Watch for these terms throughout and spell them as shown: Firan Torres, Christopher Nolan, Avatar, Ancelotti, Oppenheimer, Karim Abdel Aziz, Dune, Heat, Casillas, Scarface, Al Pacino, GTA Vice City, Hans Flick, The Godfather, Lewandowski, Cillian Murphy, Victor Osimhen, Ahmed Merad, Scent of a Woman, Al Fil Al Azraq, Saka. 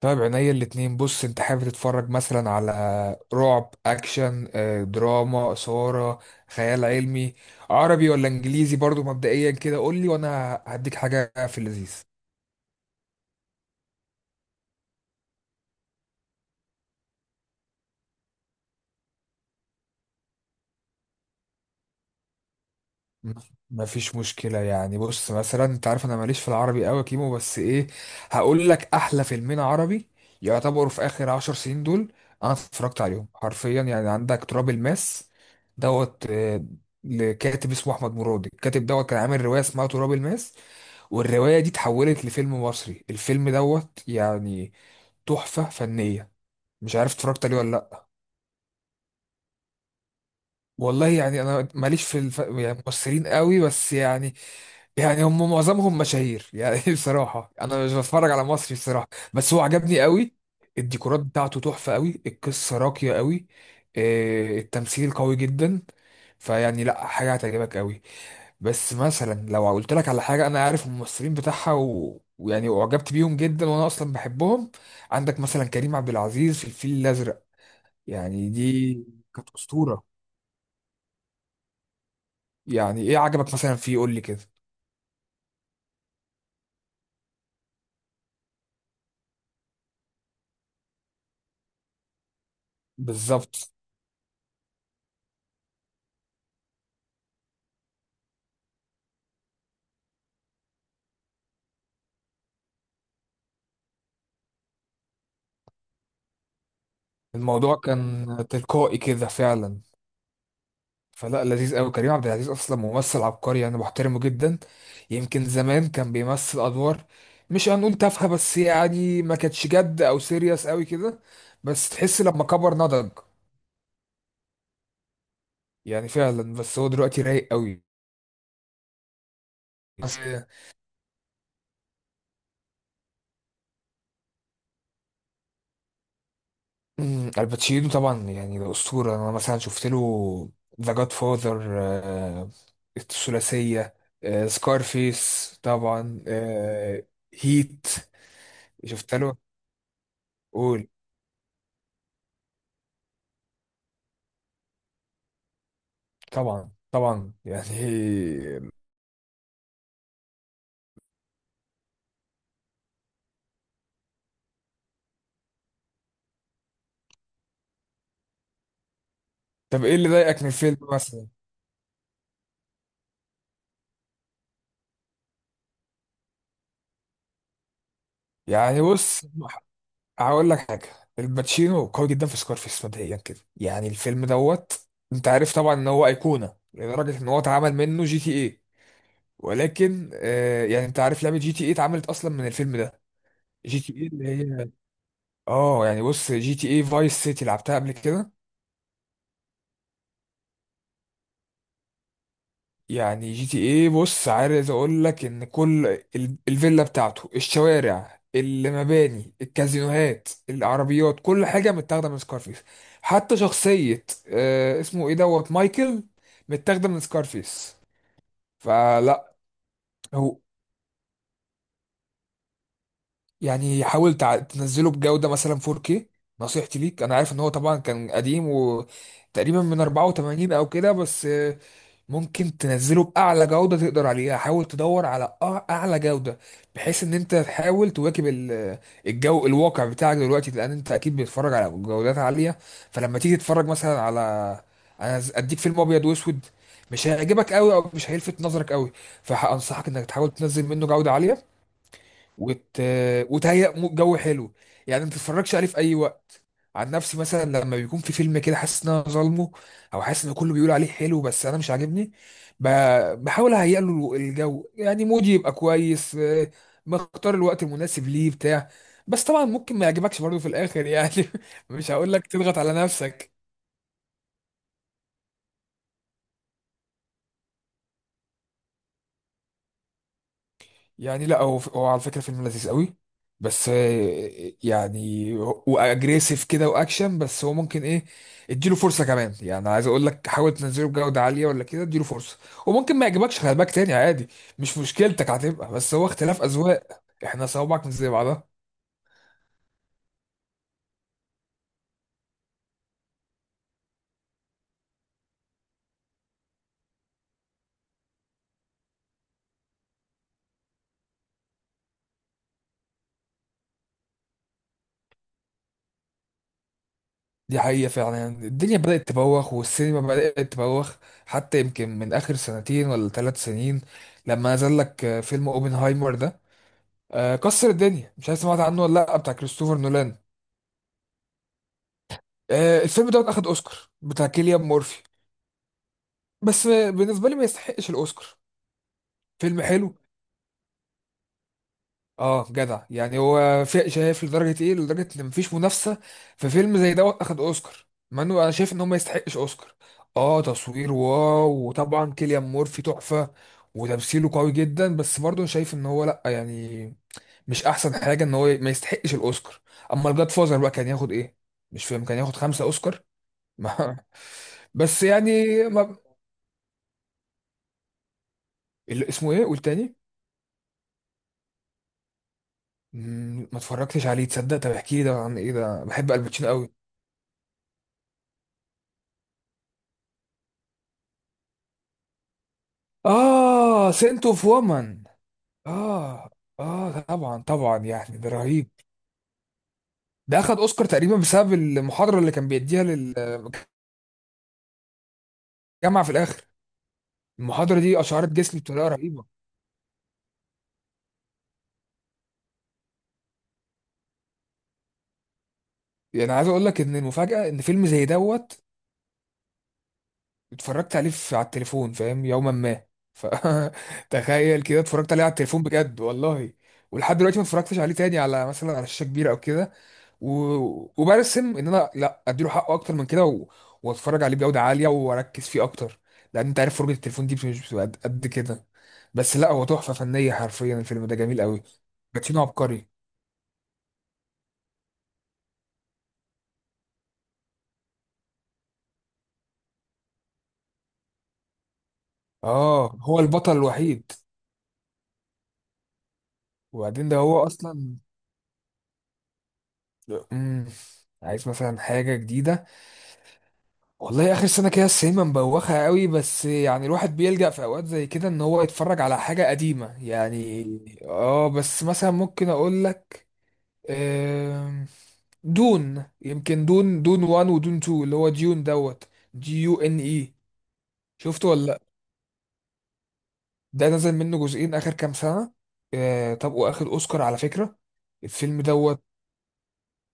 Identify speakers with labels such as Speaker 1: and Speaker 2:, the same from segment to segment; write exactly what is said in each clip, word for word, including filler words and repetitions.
Speaker 1: طيب، عينيا الاتنين. بص، انت حابب تتفرج مثلا على رعب، اكشن، آه، دراما، اثارة، خيال علمي، عربي ولا انجليزي؟ برضو مبدئيا كده قول لي وانا هديك حاجة في اللذيذ. ما فيش مشكلة يعني بص مثلا، انت عارف انا ماليش في العربي قوي يا كيمو، بس ايه، هقول لك احلى فيلمين عربي يعتبروا في اخر عشر سنين دول. انا اتفرجت عليهم حرفيا. يعني عندك تراب الماس دوت آه، لكاتب اسمه احمد مراد. الكاتب دوت كان عامل رواية اسمها تراب الماس، والرواية دي اتحولت لفيلم مصري. الفيلم دوت يعني تحفة فنية. مش عارف اتفرجت عليه ولا لا. والله يعني انا ماليش في الف... يعني ممثلين قوي، بس يعني يعني هم معظمهم مشاهير يعني بصراحة انا مش بتفرج على مصري بصراحة. بس هو عجبني قوي. الديكورات بتاعته تحفة قوي، القصة راقية قوي، آه، التمثيل قوي جدا. فيعني لا، حاجة هتعجبك قوي. بس مثلا لو قلت لك على حاجة، انا عارف الممثلين بتاعها و... ويعني اعجبت بيهم جدا، وانا اصلا بحبهم. عندك مثلا كريم عبد العزيز في الفيل الازرق، يعني دي كانت أسطورة. يعني ايه عجبك مثلا فيه؟ قول لي كده. بالظبط. الموضوع كان تلقائي كده فعلا. فلا، لذيذ قوي. كريم عبد العزيز اصلا ممثل عبقري، انا بحترمه جدا. يمكن زمان كان بيمثل ادوار مش هنقول تافهه، بس يعني ما كانتش جد او سيريس قوي كده. بس تحس لما كبر نضج يعني فعلا. بس هو دلوقتي رايق قوي. مم، الباتشينو طبعا يعني ده أسطورة. أنا مثلا شفت له ذا جاد فاذر الثلاثية، سكارفيس طبعا، آه، هيت. شفت له. قول. طبعا، طبعا يعني طب إيه اللي ضايقك من الفيلم مثلا؟ يعني بص هقول لك حاجة. الباتشينو قوي جدا في سكارفيس. مبدئيا كده يعني الفيلم دوت، أنت عارف طبعا إن هو أيقونة لدرجة إن هو اتعمل منه جي تي ايه. ولكن آه يعني انت عارف لعبه جي تي اي اتعملت اصلا من الفيلم ده. جي تي اي اللي هي اه يعني بص، جي تي اي فايس سيتي لعبتها قبل كده. يعني جي تي اي بص، عايز اقول لك ان كل ال- الفيلا بتاعته، الشوارع، المباني، الكازينوهات، العربيات، كل حاجه متاخده من سكارفيس. حتى شخصيه آه اسمه ايه دوت مايكل، متاخده من سكارفيس. فلا، هو يعني حاول تع- تنزله بجودة مثلا فور كيه. نصيحتي ليك، انا عارف ان هو طبعا كان قديم وتقريبا من اربعه وتمانين او كده، بس آه، ممكن تنزله باعلى جودة تقدر عليها. حاول تدور على أع- اعلى جودة، بحيث ان انت تحاول تواكب ال- الجو الواقع بتاعك دلوقتي، لان انت اكيد بتتفرج على جودات عالية. فلما تيجي تتفرج مثلا على، انا ز- اديك فيلم ابيض واسود، مش هيعجبك قوي او مش هيلفت نظرك قوي. فانصحك انك تحاول تنزل منه جودة عالية وت... وتهيأ مو- جو حلو. يعني ما تتفرجش عليه في اي وقت. عن نفسي مثلا، لما بيكون في فيلم كده حاسس ان انا ظالمه، او حاسس ان كله بيقول عليه حلو بس انا مش عاجبني، ب... بحاول اهيئ له الجو، يعني مودي يبقى كويس. آه، بختار الوقت المناسب ليه بتاع. بس طبعا ممكن ما يعجبكش برضه في الاخر يعني. مش هقول لك تضغط على نفسك. يعني لا، هو هو على فكرة فيلم لذيذ قوي، بس آه، يعني واجريسيف كده واكشن. بس هو ممكن ايه، اديله فرصة كمان. يعني عايز اقول لك حاول تنزله بجودة عالية ولا كده، اديله فرصة. وممكن ما يعجبكش، خلي بالك تاني عادي. مش مشكلتك هتبقى، بس هو اختلاف اذواق، احنا صوابعك مش زي بعضها. دي حقيقة فعلا. يعني الدنيا بدأت تبوخ والسينما بدأت تبوخ، حتى يمكن من آخر سنتين ولا ثلاث سنين. لما نزل لك آه، فيلم اوبنهايمر ده، آه، كسر الدنيا. مش عارف سمعت عنه ولا لا؟ بتاع كريستوفر نولان. آه، الفيلم دوت اخد اوسكار، بتاع كيليان مورفي. بس آه، بالنسبه لي ما يستحقش الاوسكار. فيلم حلو، اه جدع، يعني هو في- شايف لدرجه ايه، لدرجه ان مفيش منافسه في فيلم زي دوت اخد اوسكار؟ مع انه انا شايف ان هو ما يستحقش اوسكار. اه تصوير واو، وطبعا كيليان مورفي تحفه، وتمثيله قوي جدا. بس برضه أنا شايف ان هو لا يعني مش احسن حاجه، ان هو ما يستحقش الاوسكار. اما الجاد فازر بقى كان ياخد ايه؟ مش فاهم، كان ياخد خمسه اوسكار ما بس يعني اللي اسمه ايه؟ قول تاني. مم، ما اتفرجتش عليه تصدق. طب احكي لي ده عن ايه؟ ده بحب الباتشينو قوي. اه، سنت اوف وومن. اه. اه طبعا، طبعا يعني ده رهيب. ده اخد اوسكار تقريبا بسبب المحاضره اللي كان بيديها للجامعه في الاخر. المحاضره دي اشعرت جسمي بطريقه رهيبه. يعني عايز اقول لك ان المفاجاه، ان فيلم زي دوت اتفرجت عليه في على التليفون، فاهم، يوما ما ف تخيل كده، اتفرجت عليه على التليفون بجد والله. ولحد دلوقتي ما اتفرجتش عليه تاني على، مثلا على شاشة كبيرة او كده، و... وبرسم ان انا لا اديله حقه اكتر من كده، و... واتفرج عليه بجودة عالية واركز فيه اكتر. لان انت عارف فرجة التليفون دي مش بتبقى قد قد كده. بس لا، هو تحفة فنية حرفيا، الفيلم ده جميل قوي. باتشينو عبقري. اه، هو البطل الوحيد، وبعدين ده هو اصلا. مم. عايز مثلا حاجة جديدة. والله اخر سنه كده السينما مبوخه قوي، بس يعني الواحد بيلجأ في اوقات زي كده ان هو يتفرج على حاجه قديمه يعني. اه بس مثلا ممكن اقول لك آم، دون، يمكن دون دون واحد ودون اتنين، اللي هو ديون دوت دي يو ان اي. شفته ولا لا؟ ده نزل منه جزئين اخر كام سنه. آه طب واخد اوسكار على فكره، الفيلم دوت.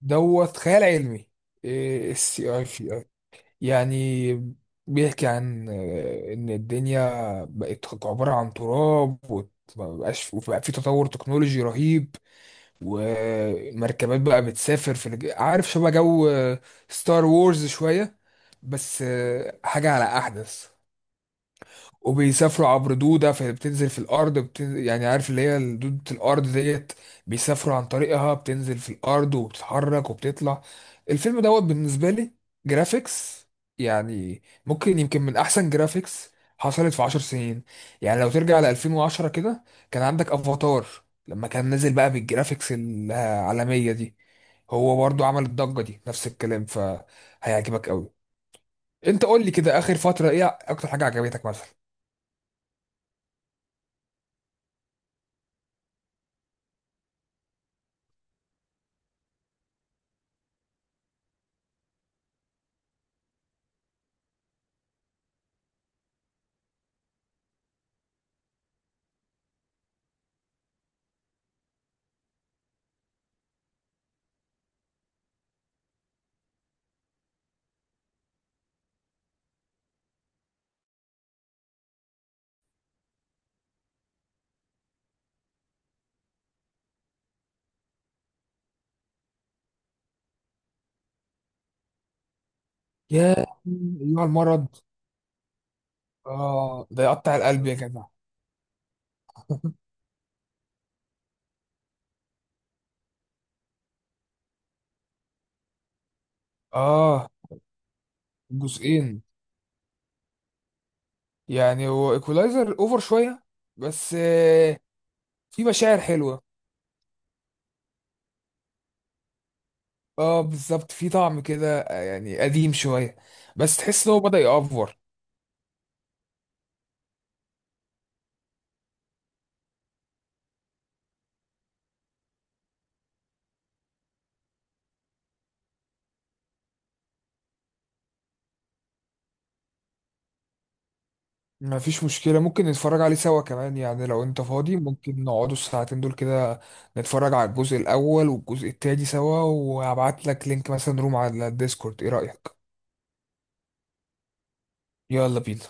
Speaker 1: دوت خيال علمي، اي اس سي اي. يعني بيحكي عن آه، إن الدنيا بقت عبارة عن تراب، ومبقاش، وبقى في تطور تكنولوجي رهيب، ومركبات بقى بتسافر في الج... عارف شبه جو ستار وورز شوية، بس آه، حاجة على أحدث. وبيسافروا عبر دودة فبتنزل في الأرض بت... يعني عارف اللي هي دودة الأرض ديت. بيسافروا عن طريقها، بتنزل في الأرض وبتتحرك وبتطلع. الفيلم دوت بالنسبة لي جرافيكس، يعني ممكن يمكن من أحسن جرافيكس حصلت في عشر سنين. يعني لو ترجع ل الفين وعشرة كده، كان عندك أفاتار لما كان نازل بقى بالجرافيكس العالمية دي. هو برضو عمل الضجة دي نفس الكلام، فهيعجبك قوي. انت قول لي كده، آخر فترة ايه أكتر حاجة عجبتك مثلا؟ يا ايوه، المرض. اه ده يقطع القلب يا جدع. اه جزئين. يعني هو ايكولايزر اوفر شويه، بس آه في مشاعر حلوه. اه بالظبط في طعم كده، آه، يعني قديم شويه، بس تحس ان هو بدأ يأفور. ما فيش مشكله، ممكن نتفرج عليه سوا كمان. يعني لو انت فاضي ممكن نقعدوا الساعتين دول كده، نتفرج على الجزء الاول والجزء التاني سوا، وهبعت لك لينك مثلا روم على الديسكورد. ايه رأيك؟ يلا بينا.